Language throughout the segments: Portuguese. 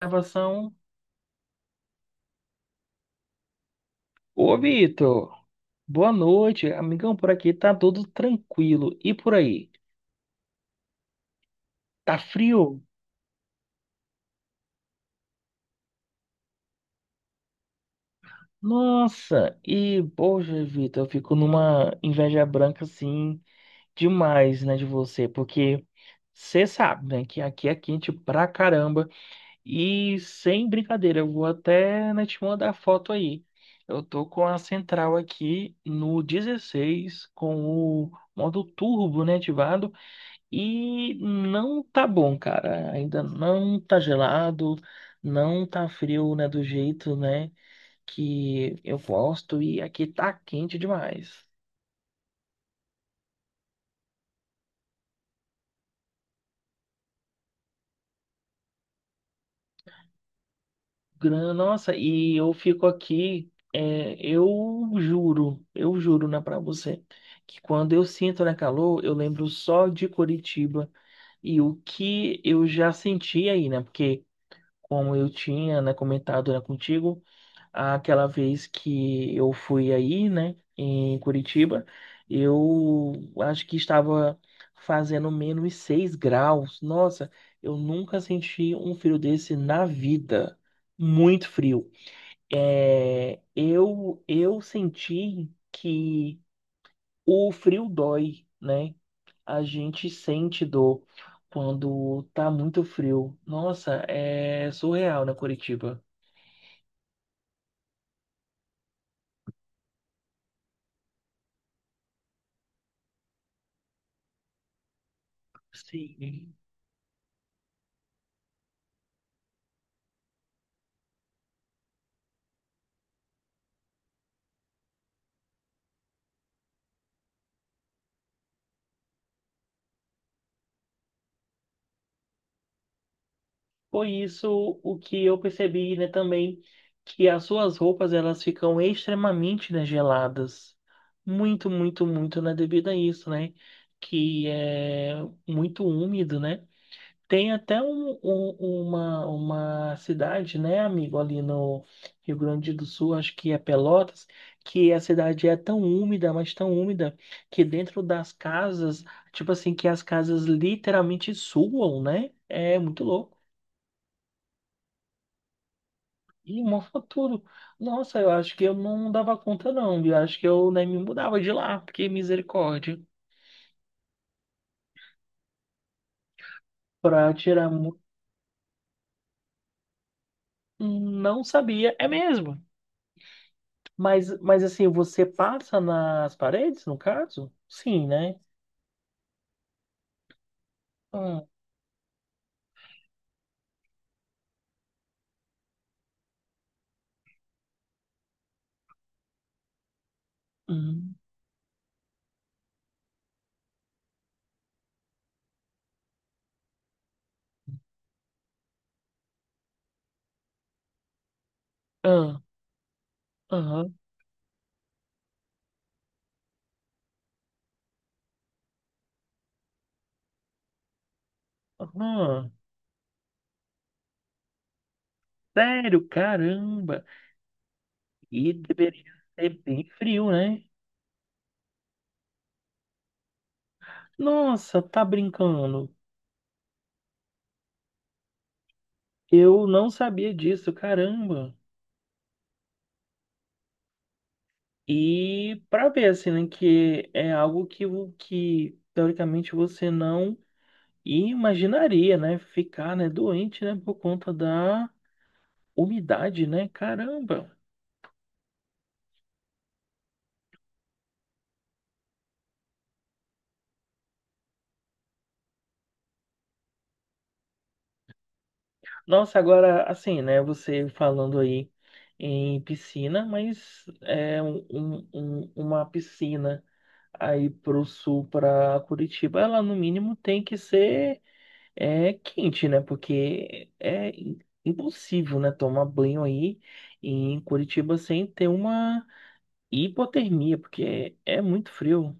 Gravação. Ô, Vitor, boa noite, amigão. Por aqui tá tudo tranquilo. E por aí? Tá frio? Nossa, e poxa, Vitor, eu fico numa inveja branca assim demais, né, de você, porque você sabe, né, que aqui é quente pra caramba. E sem brincadeira, eu vou até, né, te mandar foto aí. Eu tô com a central aqui no 16 com o modo turbo, né, ativado. E não tá bom, cara. Ainda não tá gelado, não tá frio, né, do jeito, né, que eu gosto. E aqui tá quente demais. Nossa, e eu fico aqui, é, eu juro, né, pra você, que quando eu sinto, né, calor, eu lembro só de Curitiba e o que eu já senti aí, né, porque como eu tinha, né, comentado, né, contigo. Aquela vez que eu fui aí, né, em Curitiba, eu acho que estava fazendo menos 6 graus. Nossa, eu nunca senti um frio desse na vida. Muito frio. É, eu senti que o frio dói, né? A gente sente dor quando tá muito frio. Nossa, é surreal, né, Curitiba? Sim. Foi isso o que eu percebi, né, também, que as suas roupas elas ficam extremamente, né, geladas. Muito, muito, muito, né, devido a isso, né, que é muito úmido, né. Tem até uma cidade, né, amigo, ali no Rio Grande do Sul, acho que é Pelotas, que a cidade é tão úmida, mas tão úmida, que dentro das casas, tipo assim, que as casas literalmente suam, né, é muito louco. E uma tudo. Nossa, eu acho que eu não dava conta, não. Eu acho que eu nem me mudava de lá, porque misericórdia. Pra tirar. Não sabia, é mesmo. Mas assim, você passa nas paredes, no caso? Sim, né? Ah, hum, ah, aham, aham. Sério, caramba. E deveria ser bem frio, né? Nossa, tá brincando. Eu não sabia disso, caramba. E para ver, assim, né, que é algo que, que teoricamente você não imaginaria, né? Ficar, né, doente, né, por conta da umidade, né? Caramba! Nossa, agora, assim, né, você falando aí em piscina, mas é uma piscina aí pro sul, para Curitiba, ela no mínimo tem que ser. É quente, né? Porque é impossível, né? Tomar banho aí em Curitiba sem ter uma hipotermia, porque é muito frio.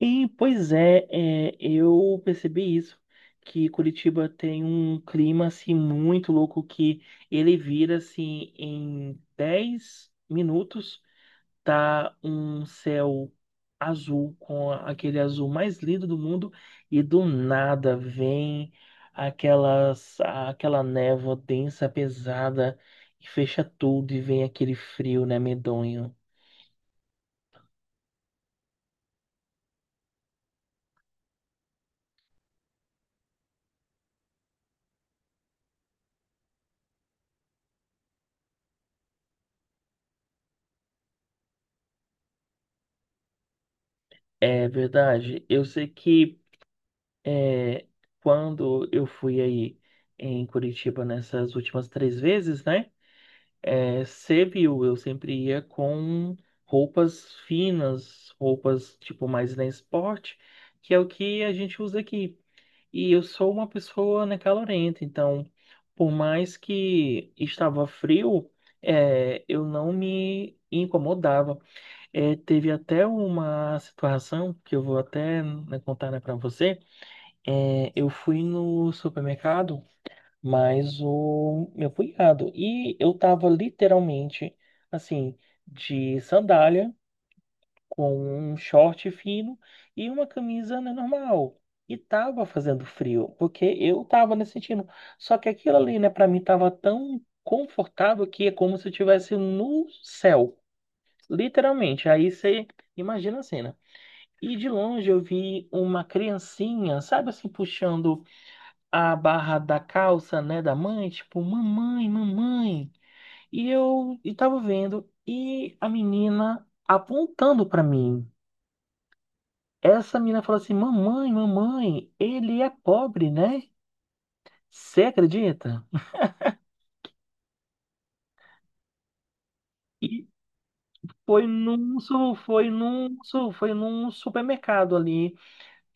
E, pois é, é, eu percebi isso, que Curitiba tem um clima assim muito louco que ele vira assim em 10 minutos, tá um céu azul com aquele azul mais lindo do mundo e do nada vem aquela névoa densa, pesada, e fecha tudo e vem aquele frio, né, medonho. É verdade. Eu sei que é, quando eu fui aí em Curitiba nessas últimas 3 vezes, né? É, servil, eu sempre ia com roupas finas, roupas tipo mais na esporte, que é o que a gente usa aqui. E eu sou uma pessoa, né, calorenta, então por mais que estava frio, é, eu não me incomodava. É, teve até uma situação que eu vou até né, contar, né, para você. É, eu fui no supermercado mas o meu cunhado. E eu tava literalmente, assim, de sandália, com um short fino e uma camisa, né, normal. E tava fazendo frio, porque eu tava nesse sentindo. Só que aquilo ali, né, pra mim tava tão confortável que é como se eu estivesse no céu, literalmente. Aí você imagina a cena. E de longe eu vi uma criancinha, sabe assim, puxando a barra da calça, né, da mãe, tipo, mamãe, mamãe. E eu e tava vendo e a menina apontando pra mim. Essa menina falou assim: "Mamãe, mamãe, ele é pobre, né? Você acredita?" E foi num supermercado ali.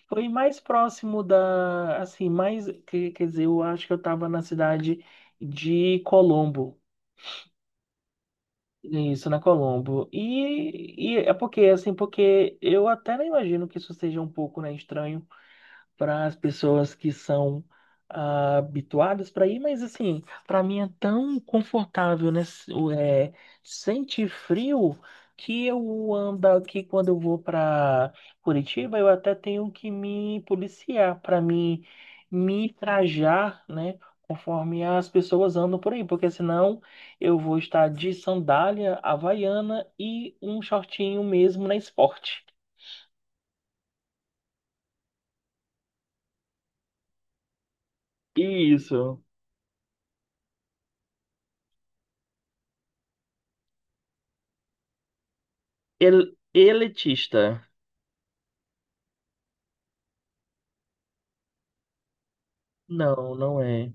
Foi mais próximo da, assim, mais, que- quer dizer, eu acho que eu tava na cidade de Colombo. Isso, na Colombo. E é porque, assim, porque eu até não imagino que isso seja um pouco, né, estranho para as pessoas que são ah, habituadas para ir, mas assim, para mim é tão confortável, né? É, sentir frio que eu ando aqui, quando eu vou para Curitiba, eu até tenho que me policiar para me trajar, né? Conforme as pessoas andam por aí, porque senão eu vou estar de sandália havaiana e um shortinho mesmo na esporte. Isso. El elitista. Não, não é.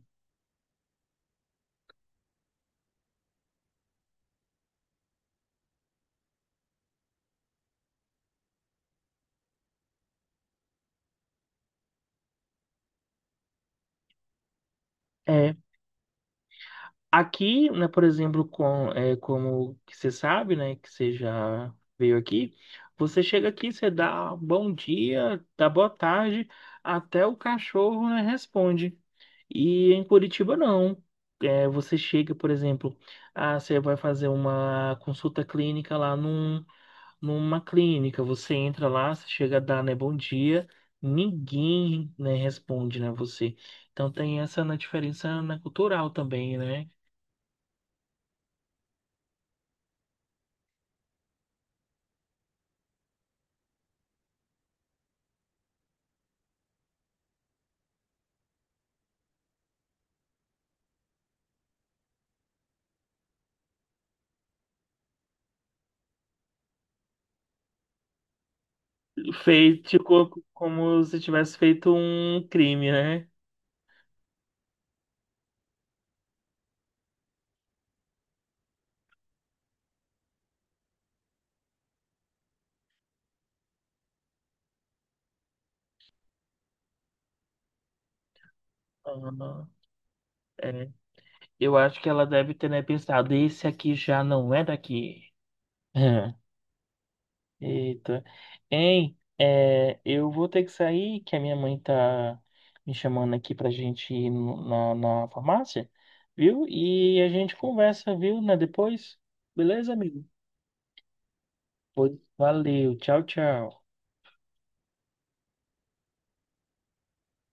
É, aqui, né, por exemplo, com, é, como que você sabe, né, que você já veio aqui, você chega aqui, você dá bom dia, dá boa tarde, até o cachorro, né, responde. E em Curitiba, não. É, você chega, por exemplo, ah, você vai fazer uma consulta clínica lá num, numa clínica, você entra lá, você chega a dar, né, bom dia, ninguém, né, responde, né, você. Então tem essa né, diferença né, cultural também, né? Como se tivesse feito um crime, né? Ah, é. Eu acho que ela deve ter, né, pensado, esse aqui já não é daqui. Eita. Hein, é, eu vou ter que sair, que a minha mãe tá me chamando aqui pra gente ir na, na farmácia, viu? E a gente conversa, viu, né, depois. Beleza, amigo? Pois valeu. Tchau, tchau.